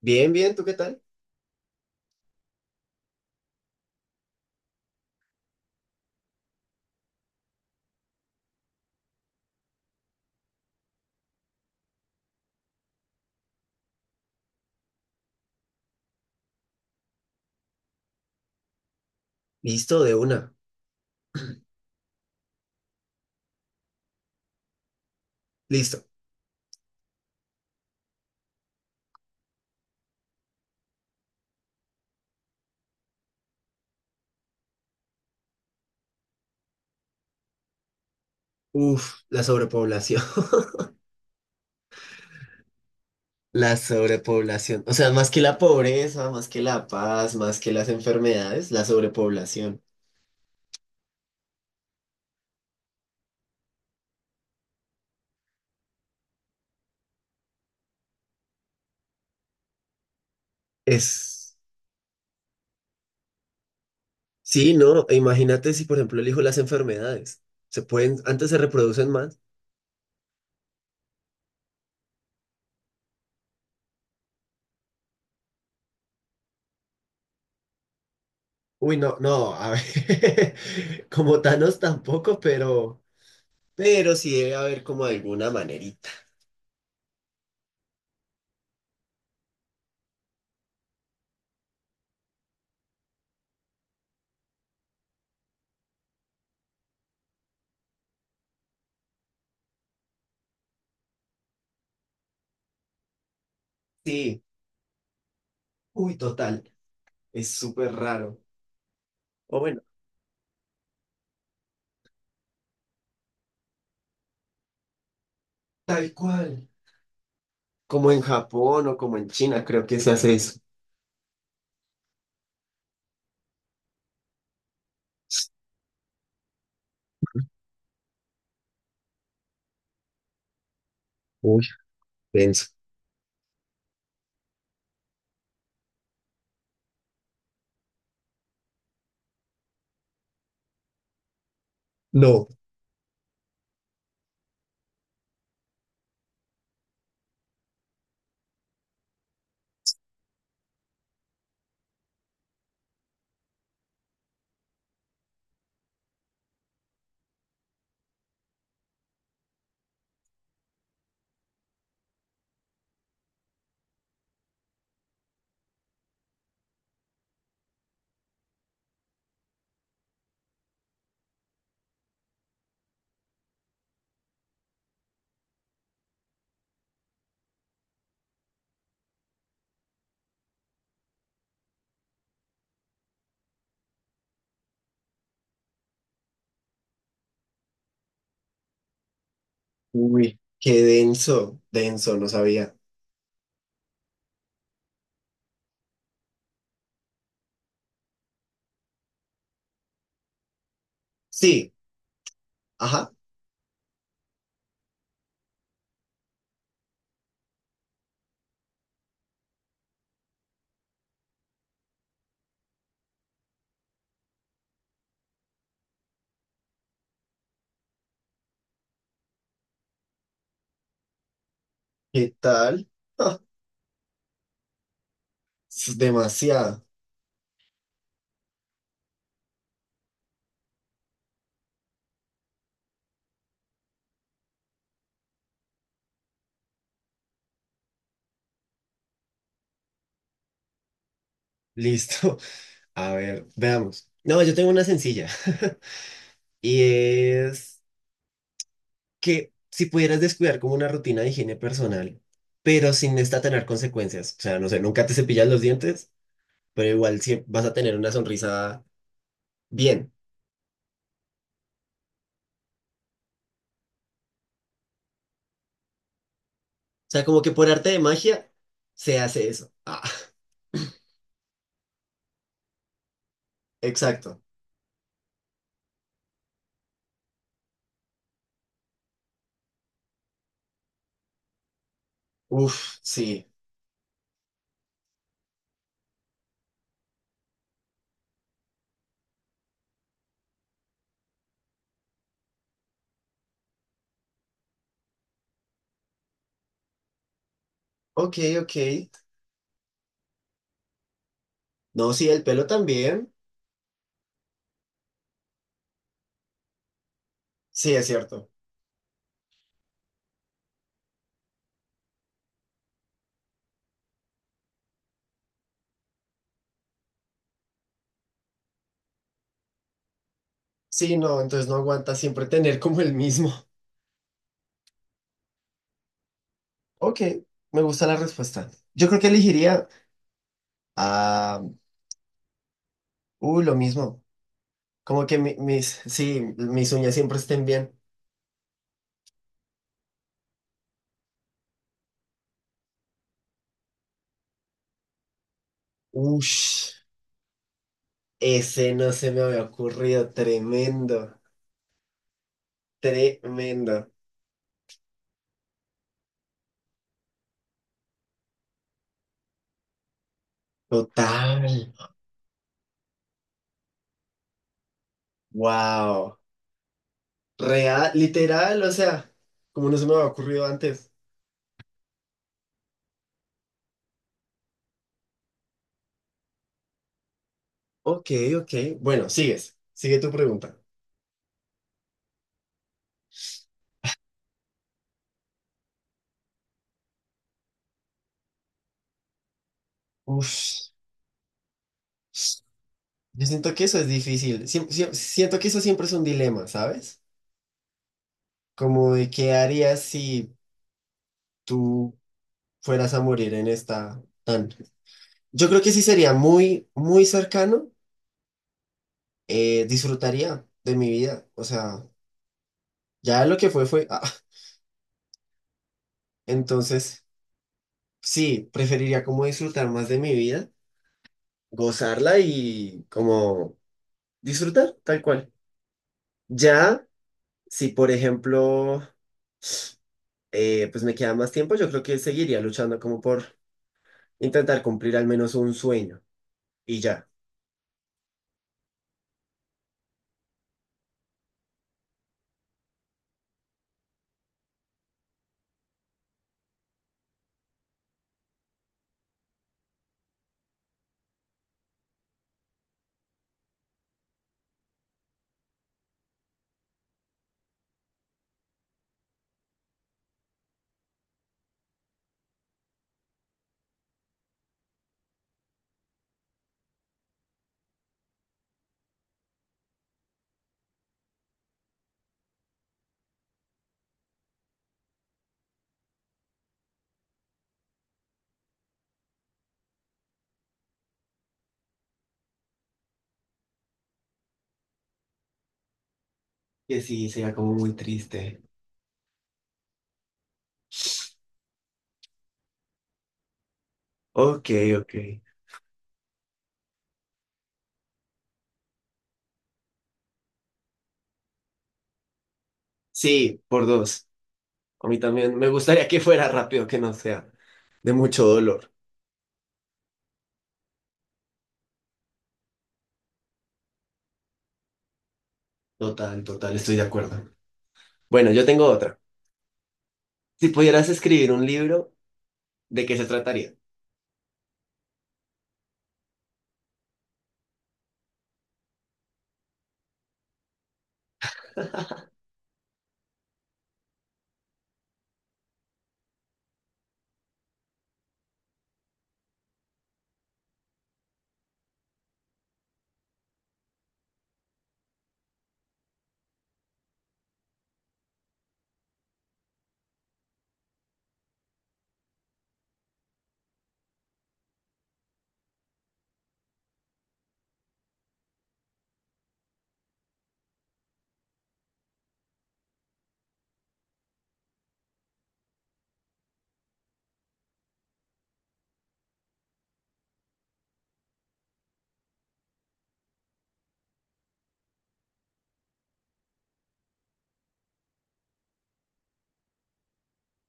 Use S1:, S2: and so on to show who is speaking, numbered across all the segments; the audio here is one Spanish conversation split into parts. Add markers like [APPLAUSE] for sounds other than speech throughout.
S1: Bien, ¿tú qué tal? Listo, de una. Listo. Uf, la sobrepoblación. [LAUGHS] La sobrepoblación. O sea, más que la pobreza, más que la paz, más que las enfermedades, la sobrepoblación. Es... Sí, no, e imagínate si, por ejemplo, elijo las enfermedades. Se pueden, antes se reproducen más. Uy, no, no, a ver. [LAUGHS] Como Thanos tampoco, pero... Pero sí debe haber como alguna manerita. Sí. Uy, total. Es súper raro. O bueno. Tal cual. Como en Japón o como en China, creo que se hace eso. Uy, denso. No, uy, qué denso, denso, no sabía. Sí, ajá, ¿qué tal? Es demasiado. Listo. [LAUGHS] A ver, veamos. No, yo tengo una sencilla. [LAUGHS] Y es que si pudieras descuidar como una rutina de higiene personal, pero sin esta tener consecuencias. O sea, no sé, nunca te cepillas los dientes, pero igual siempre vas a tener una sonrisa bien. Sea, como que por arte de magia se hace eso. Ah, exacto. Uf, sí. Ok, ok. No, sí, el pelo también. Sí, es cierto. Sí, no, entonces no aguanta siempre tener como el mismo. Ok, me gusta la respuesta. Yo creo que elegiría a... lo mismo. Como que mis uñas siempre estén bien. Ush, ese no se me había ocurrido. Tremendo, tremendo. Total. Wow. Real, literal, o sea, como no se me había ocurrido antes. Ok, ok. Bueno, sigues. Sigue tu pregunta. Uf, yo siento que eso es difícil. Siento que eso siempre es un dilema, ¿sabes? Como de qué harías si tú fueras a morir en esta tan. Yo creo que sí sería muy, muy cercano. Disfrutaría de mi vida. O sea, ya lo que fue fue. Entonces, sí, preferiría como disfrutar más de mi vida, gozarla y como disfrutar, tal cual. Ya, si por ejemplo, pues me queda más tiempo, yo creo que seguiría luchando como por intentar cumplir al menos un sueño y ya. Que sí, sería como muy triste. Ok, ok. Sí, por dos. A mí también me gustaría que fuera rápido, que no sea de mucho dolor. Total, total, estoy de acuerdo. Bueno, yo tengo otra. Si pudieras escribir un libro, ¿de qué se trataría?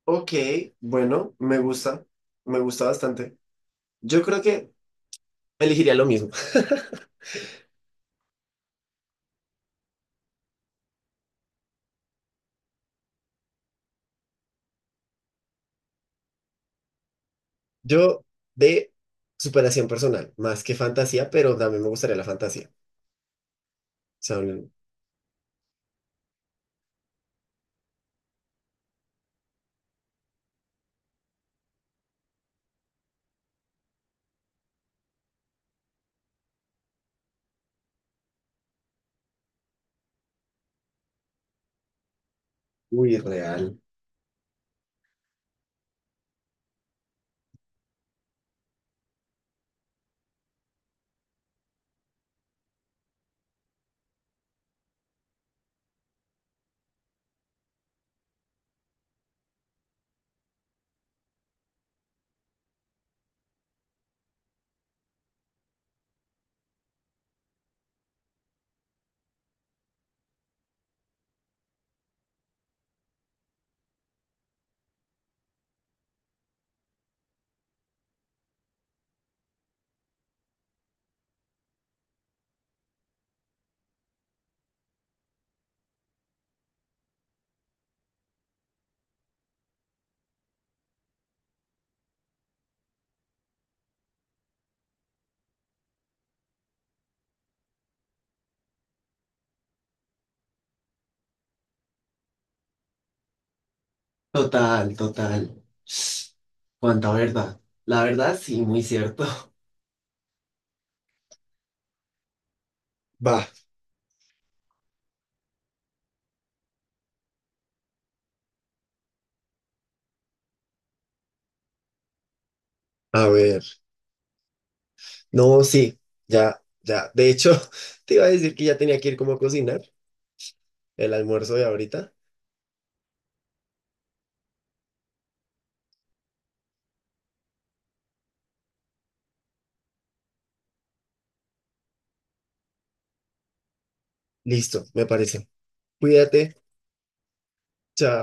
S1: Ok, bueno, me gusta bastante. Yo creo que elegiría lo mismo. [LAUGHS] Yo de superación personal, más que fantasía, pero también me gustaría la fantasía. O sea, un- uy, real. Total, total. Cuánta verdad. La verdad, sí, muy cierto. [LAUGHS] Va, a ver. No, sí, ya, ya. De hecho, [LAUGHS] te iba a decir que ya tenía que ir como a cocinar el almuerzo de ahorita. Listo, me parece. Cuídate. Chao.